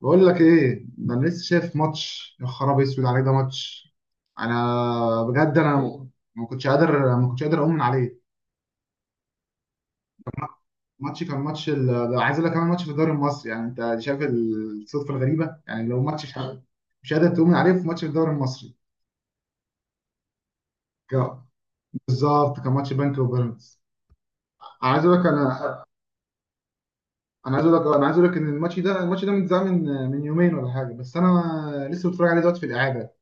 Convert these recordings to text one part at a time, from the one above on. بقول لك ايه ده؟ انا لسه شايف ماتش، يا خرابي اسود عليه ده ماتش. انا بجد، انا ايه، ما كنتش قادر اؤمن عليه. ماتش كان ماتش ده. عايز اقول لك كمان ماتش في الدوري المصري، يعني انت شايف الصدفه الغريبه. يعني لو ماتش مش قادر تؤمن عليه في ماتش في الدوري المصري. ك- بالظبط كان ماتش بنك وبيراميدز. انا عايز اقول لك انا انا عايز اقول لك انا عايز اقول لك ان الماتش ده متذاع من يومين ولا حاجه، بس انا لسه بتفرج عليه دلوقتي في الاعاده.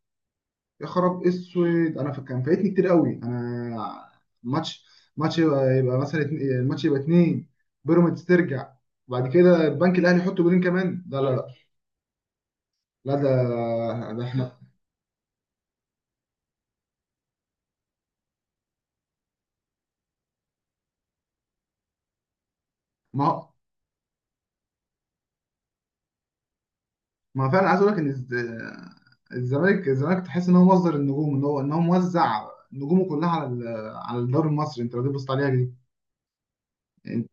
يا خراب اسود، انا كان فايتني كتير قوي انا. ماتش ماتش يبقى مثلا الماتش يبقى اتنين، بيراميدز ترجع، وبعد كده البنك الاهلي يحط جولين كمان. لا لا لا، لا ده ده احنا. ما هو- ما هو فعلا عايز اقول لك ان الزمالك تحس ان هو مصدر النجوم، ان هو موزع نجومه كلها على على الدوري المصري. انت لو جيت بصيت عليها دي، انت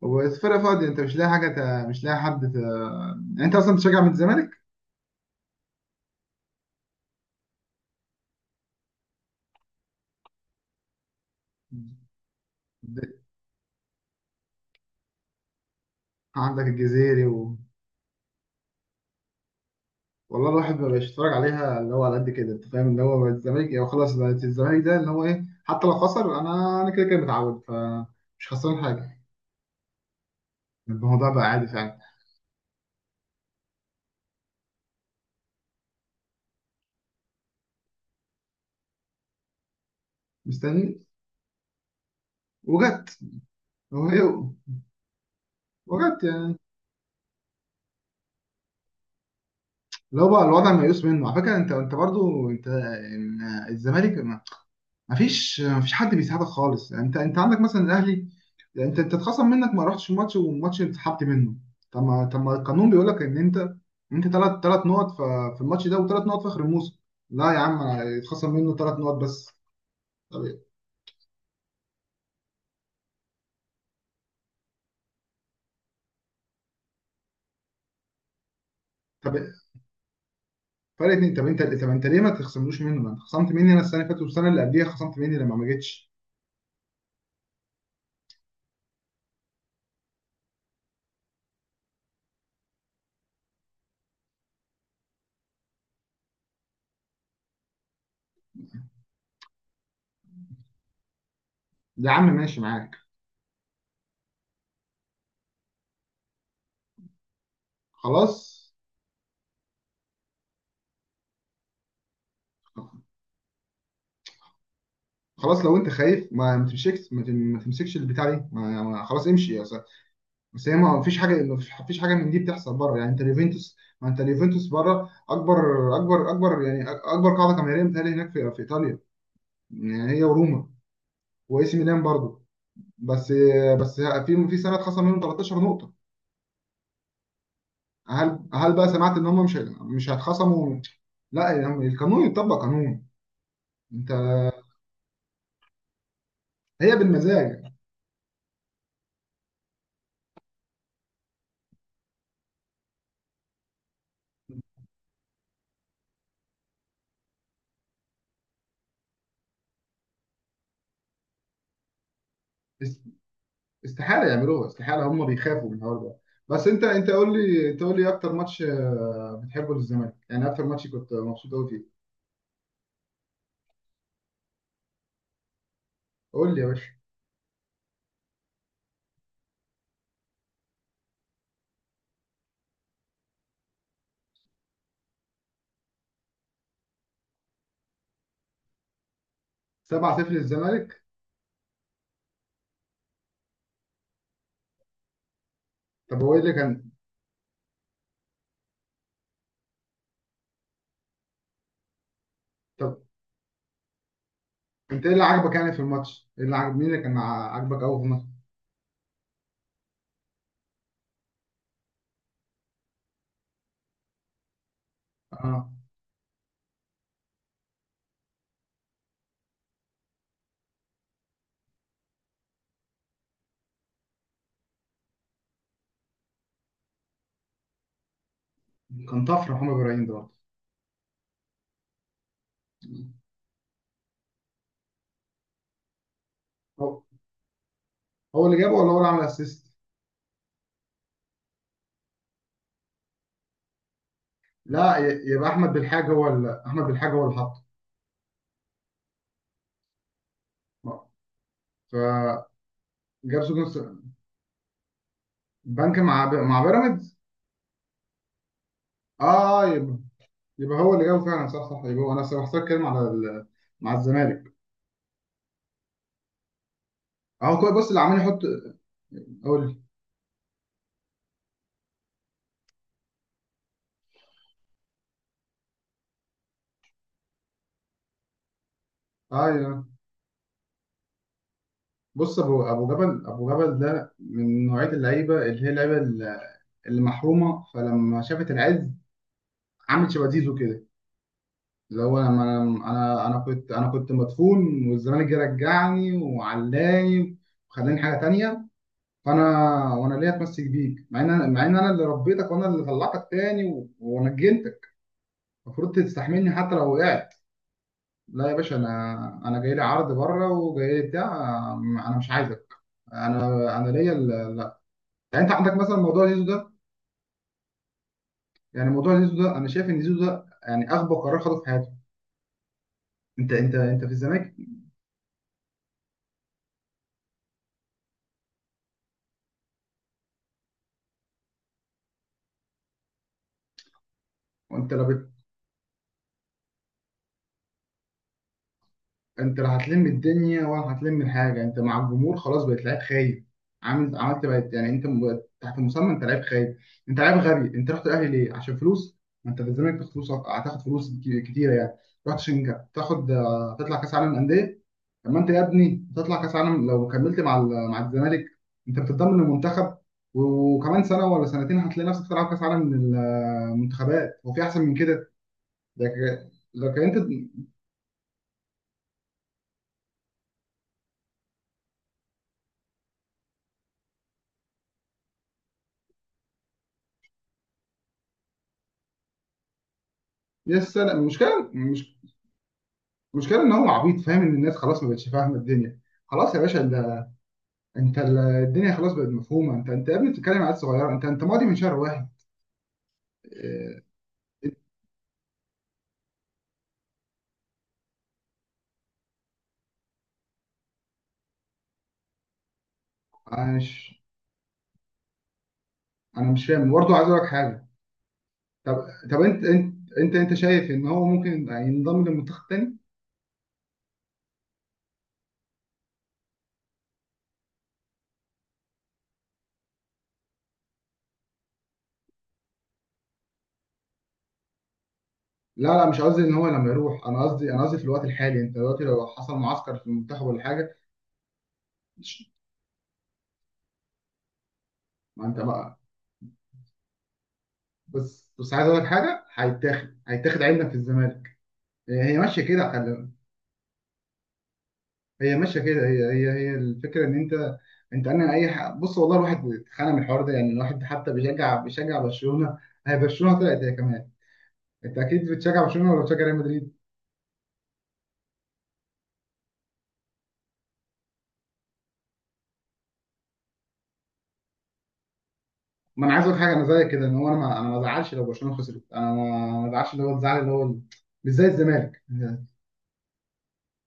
والفرقه فاضيه انت مش لاقي حاجه، مش لاقي حد يعني انت اصلا بتشجع من الزمالك؟ عندك الجزيري. والله الواحد ما بقاش يتفرج عليها، اللي هو على قد كده انت فاهم، اللي هو بقت الزمالك يعني خلاص، بقت الزمالك ده اللي هو ايه، حتى لو خسر انا انا كده كده متعود، فمش خسران حاجه. الموضوع بقى عادي فعلا. مستني. وجت. وهي، وجت يعني اللي هو بقى الوضع ميؤوس منه. على فكره انت انت برضو انت الزمالك، مفيش حد بيساعدك خالص، يعني انت انت عندك مثلا الاهلي. يعني انت انت اتخصم منك ما رحتش الماتش والماتش اتسحبت منه. طب ما، طب ما القانون بيقول لك ان انت، انت ثلاث نقط في الماتش ده وثلاث نقط في اخر الموسم. لا يا عم، اتخصم منه 3 نقط بس. طب، طب فرق اتنين، طب انت، طب انت ليه ما تخصملوش منه؟ ما انت خصمت مني انا السنه اللي فاتت، والسنه اللي قبليها خصمت مني لما ما جيتش. يا عم، ماشي معاك. خلاص، خلاص لو انت خايف ما ما تمسكش ما تم- ما تمسكش البتاع دي، خلاص امشي. بس هي ما فيش حاجه، ما فيش حاجه من دي بتحصل بره. يعني انت اليوفنتوس، ما انت اليوفنتوس بره اكبر، يعني اكبر قاعده جماهيريه متهيألي هناك في, ايطاليا. يعني هي وروما واي سي ميلان برضه. بس، بس في سنه اتخصم منهم 13 نقطه. هل بقى سمعت ان هم مش هيتخصموا؟ لا، يعني القانون يطبق قانون. انت، هي بالمزاج. است- استحاله يعملوها، استحاله، هم بيخافوا من الحوار ده. بس انت، انت قول لي، انت قول لي اكتر ماتش بتحبه للزمالك. يعني اكتر ماتش كنت مبسوط قوي فيه؟ قول لي يا باشا. 7-0 للزمالك. طب هو ايه اللي كان؟ طب انت ايه اللي عاجبك يعني في الماتش؟ ايه اللي عاجب، مين اللي كان عاجبك قوي في الماتش؟ اه، كان طفره محمد ابراهيم ده برضه. هو اللي جابه ولا هو اللي عمل اسيست؟ لا، يبقى احمد بالحاج هو اللي، احمد بالحاج هو اللي حطه. آه. فجاب. سجن. بنك مع مع بيراميدز. اه، يبقى هو اللي جابه فعلا، صح صح، يبقى هو انا بحسك كلمه على مع الزمالك. اهو كويس، بص اللي عمال يحط. قول لي. اه، بص ابو جبل، ابو جبل ده من نوعيه اللعيبه اللي هي اللعيبه اللي محرومه، فلما شافت العز عملت شبه زيزو كده. اللي هو لما انا انا أنا كنت انا كنت مدفون والزمالك جه رجعني وعلاني وخلاني حاجه تانية. فانا، وانا ليه اتمسك بيك مع ان انا، اللي ربيتك وانا اللي طلعتك تاني ونجنتك. المفروض تستحملني حتى لو وقعت. لا يا باشا، انا جاي لي عرض بره وجاي لي بتاع. انا مش عايزك. انا ليا لا. يعني انت عندك مثلا موضوع زيزو ده. يعني موضوع زيزو ده انا شايف ان زيزو ده يعني اغبى قرار خده في حياته. انت في الزمالك. وانت لا انت لا هتلم الدنيا ولا هتلم الحاجه. انت مع الجمهور خلاص، بقيت لعيب خايب، عامل، عملت، بقيت، يعني انت تحت المسمى انت لعيب خايب، انت لعيب غبي. انت رحت الاهلي ليه؟ عشان فلوس؟ ما انت في الزمالك تاخد فلوس، هتاخد فلوس كتيره يعني. رحت عشان تاخد، تطلع كاس عالم انديه. طب ما انت يا ابني تطلع كاس عالم لو كملت مع مع الزمالك. انت بتتضمن المنتخب، وكمان سنه ولا سنتين هتلاقي نفسك تلعب كاس عالم منتخبات. هو في احسن من كده؟ لكن، لكن انت، لسه لا، المشكله مش، المشكله ان هو عبيط فاهم ان الناس خلاص ما بقتش فاهمه الدنيا. خلاص يا باشا، انت انت الدنيا خلاص بقت مفهومه. انت انت يا ابني بتتكلم على عيال صغيره، انت انت ماضي من شهر واحد. اه، انا مش، انا مش فاهم برضه. عايز اقول لك حاجه. طب، طب انت شايف ان هو ممكن ينضم للمنتخب تاني؟ لا لا، مش قصدي ان هو لما يروح، انا قصدي، انا قصدي في الوقت الحالي انت دلوقتي لو حصل معسكر في المنتخب ولا حاجه. ما انت بقى، بس عايز اقول لك حاجه، هيتاخد عندك في الزمالك. هي ماشيه كده، خلي بالك. هي ماشيه كده. هي الفكره ان انت، انت انا بص والله الواحد اتخانق من الحوار ده. يعني الواحد حتى بيشجع برشلونه. هي برشلونه طلعت هي كمان. انت اكيد بتشجع برشلونه ولا بتشجع ريال مدريد؟ ما انا عايز اقول حاجه، انا زيك كده، ان هو انا ما ازعلش لو برشلونه خسرت. انا ما ازعلش، اللي هو الزعل اللي هو مش زي الزمالك.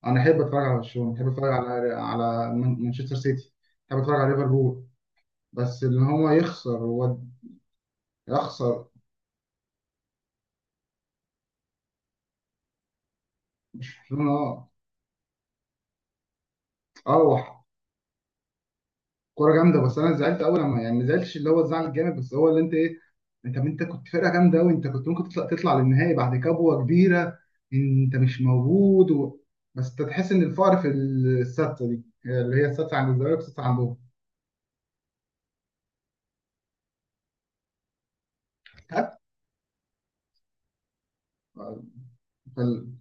انا احب اتفرج على برشلونه، احب اتفرج على مانشستر سيتي، احب اتفرج على ليفربول. بس ان هو يخسر اخسر. برشلونه، اه. هو كوره جامده، بس انا زعلت قوي لما يعني، ما زعلتش، اللي هو الزعل الجامد، بس هو اللي انت ايه، انت انت كنت فرقه جامده قوي، انت كنت ممكن تطلع، تطلع للنهائي بعد كبوه كبيره، انت مش موجود و... بس انت تحس ان الفقر في السادسه دي اللي هي السادسه عند الزمالك والسادسه عندهم. ها؟ فال...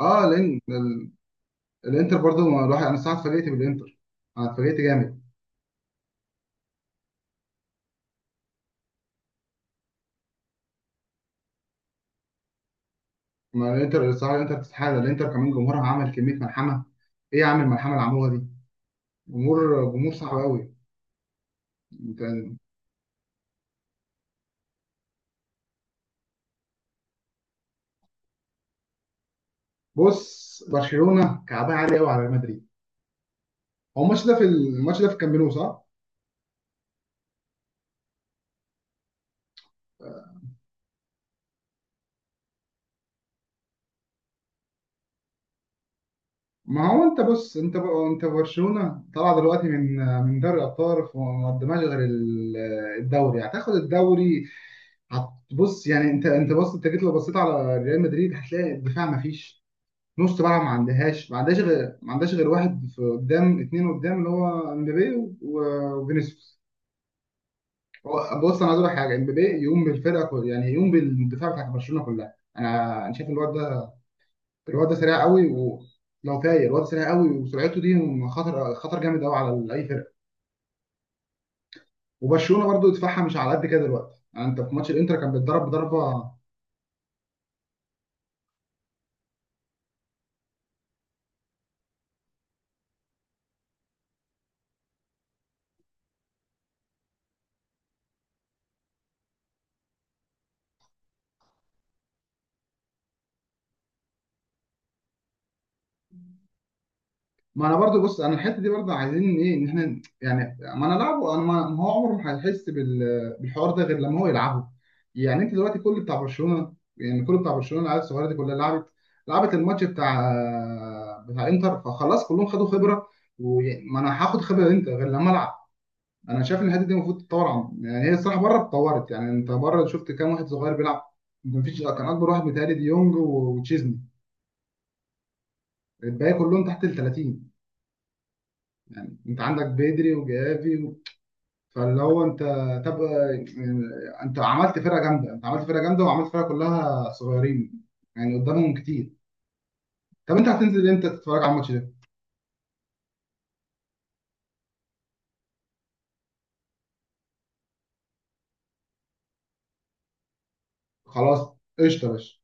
اه لان الانتر برضو، ما الواحد انا الصراحه اتفاجئت بالانتر. انا اتفاجئت جامد. ما الانتر الصراحه الانتر تستحق، الانتر كمان جمهورها عمل كميه ملحمه. ايه يا عم الملحمه اللي عملوها دي. جمهور صعب قوي كان. بص، برشلونه كعبها عالي قوي على ريال مدريد. هو الماتش ده، في الماتش ده في الكامب نو صح؟ ما هو انت بص، انت بقى، انت برشلونه طالعه دلوقتي من دوري الابطال، وما قدمهاش غير الدوري، هتاخد الدوري. هتبص يعني، انت انت بص، انت جيت لو بصيت على ريال مدريد هتلاقي الدفاع ما فيش نص ملعب، ما عندهاش غير واحد في قدام، اتنين قدام، اللي هو امبابي وفينيسيوس. هو بص، انا عايز اقول لك حاجه، امبابي يقوم بالفرقه كلها، يعني يقوم بالدفاع بتاع برشلونه كلها. انا شايف الواد ده، سريع قوي، ولو طاير الواد سريع قوي وسرعته دي خطر، جامد قوي على اي فرقه. وبرشلونه برضو دفاعها مش على قد كده دلوقتي، يعني انت في ماتش الانتر كان بيتضرب ضربه. ما انا برضو بص، انا الحته دي برضو عايزين ايه، ان احنا يعني ما انا لعبه، انا ما ما هو عمره ما هيحس بالحوار ده غير لما هو يلعبه. يعني انت دلوقتي كل بتاع برشلونه، يعني كل بتاع برشلونه العيال الصغيره دي كلها لعبت، لعبت الماتش بتاع، انتر، فخلاص كلهم خدوا خبره. وما انا هاخد خبره انت غير لما العب. انا شايف ان الحته دي المفروض تتطور، عن يعني هي الصراحه بره اتطورت. يعني انت بره شفت كام واحد صغير بيلعب. مفيش، كان اكبر واحد متهيألي ديونج وتشيزني، الباقي كلهم تحت ال 30. انت عندك بيدري وجافي. فاللي هو انت، طب انت عملت فرقه جامده، انت عملت فرقه جامده وعملت فرقه كلها صغيرين، يعني قدامهم كتير. طب انت هتنزل امتى تتفرج على الماتش ده؟ خلاص. قشطه يا باشا.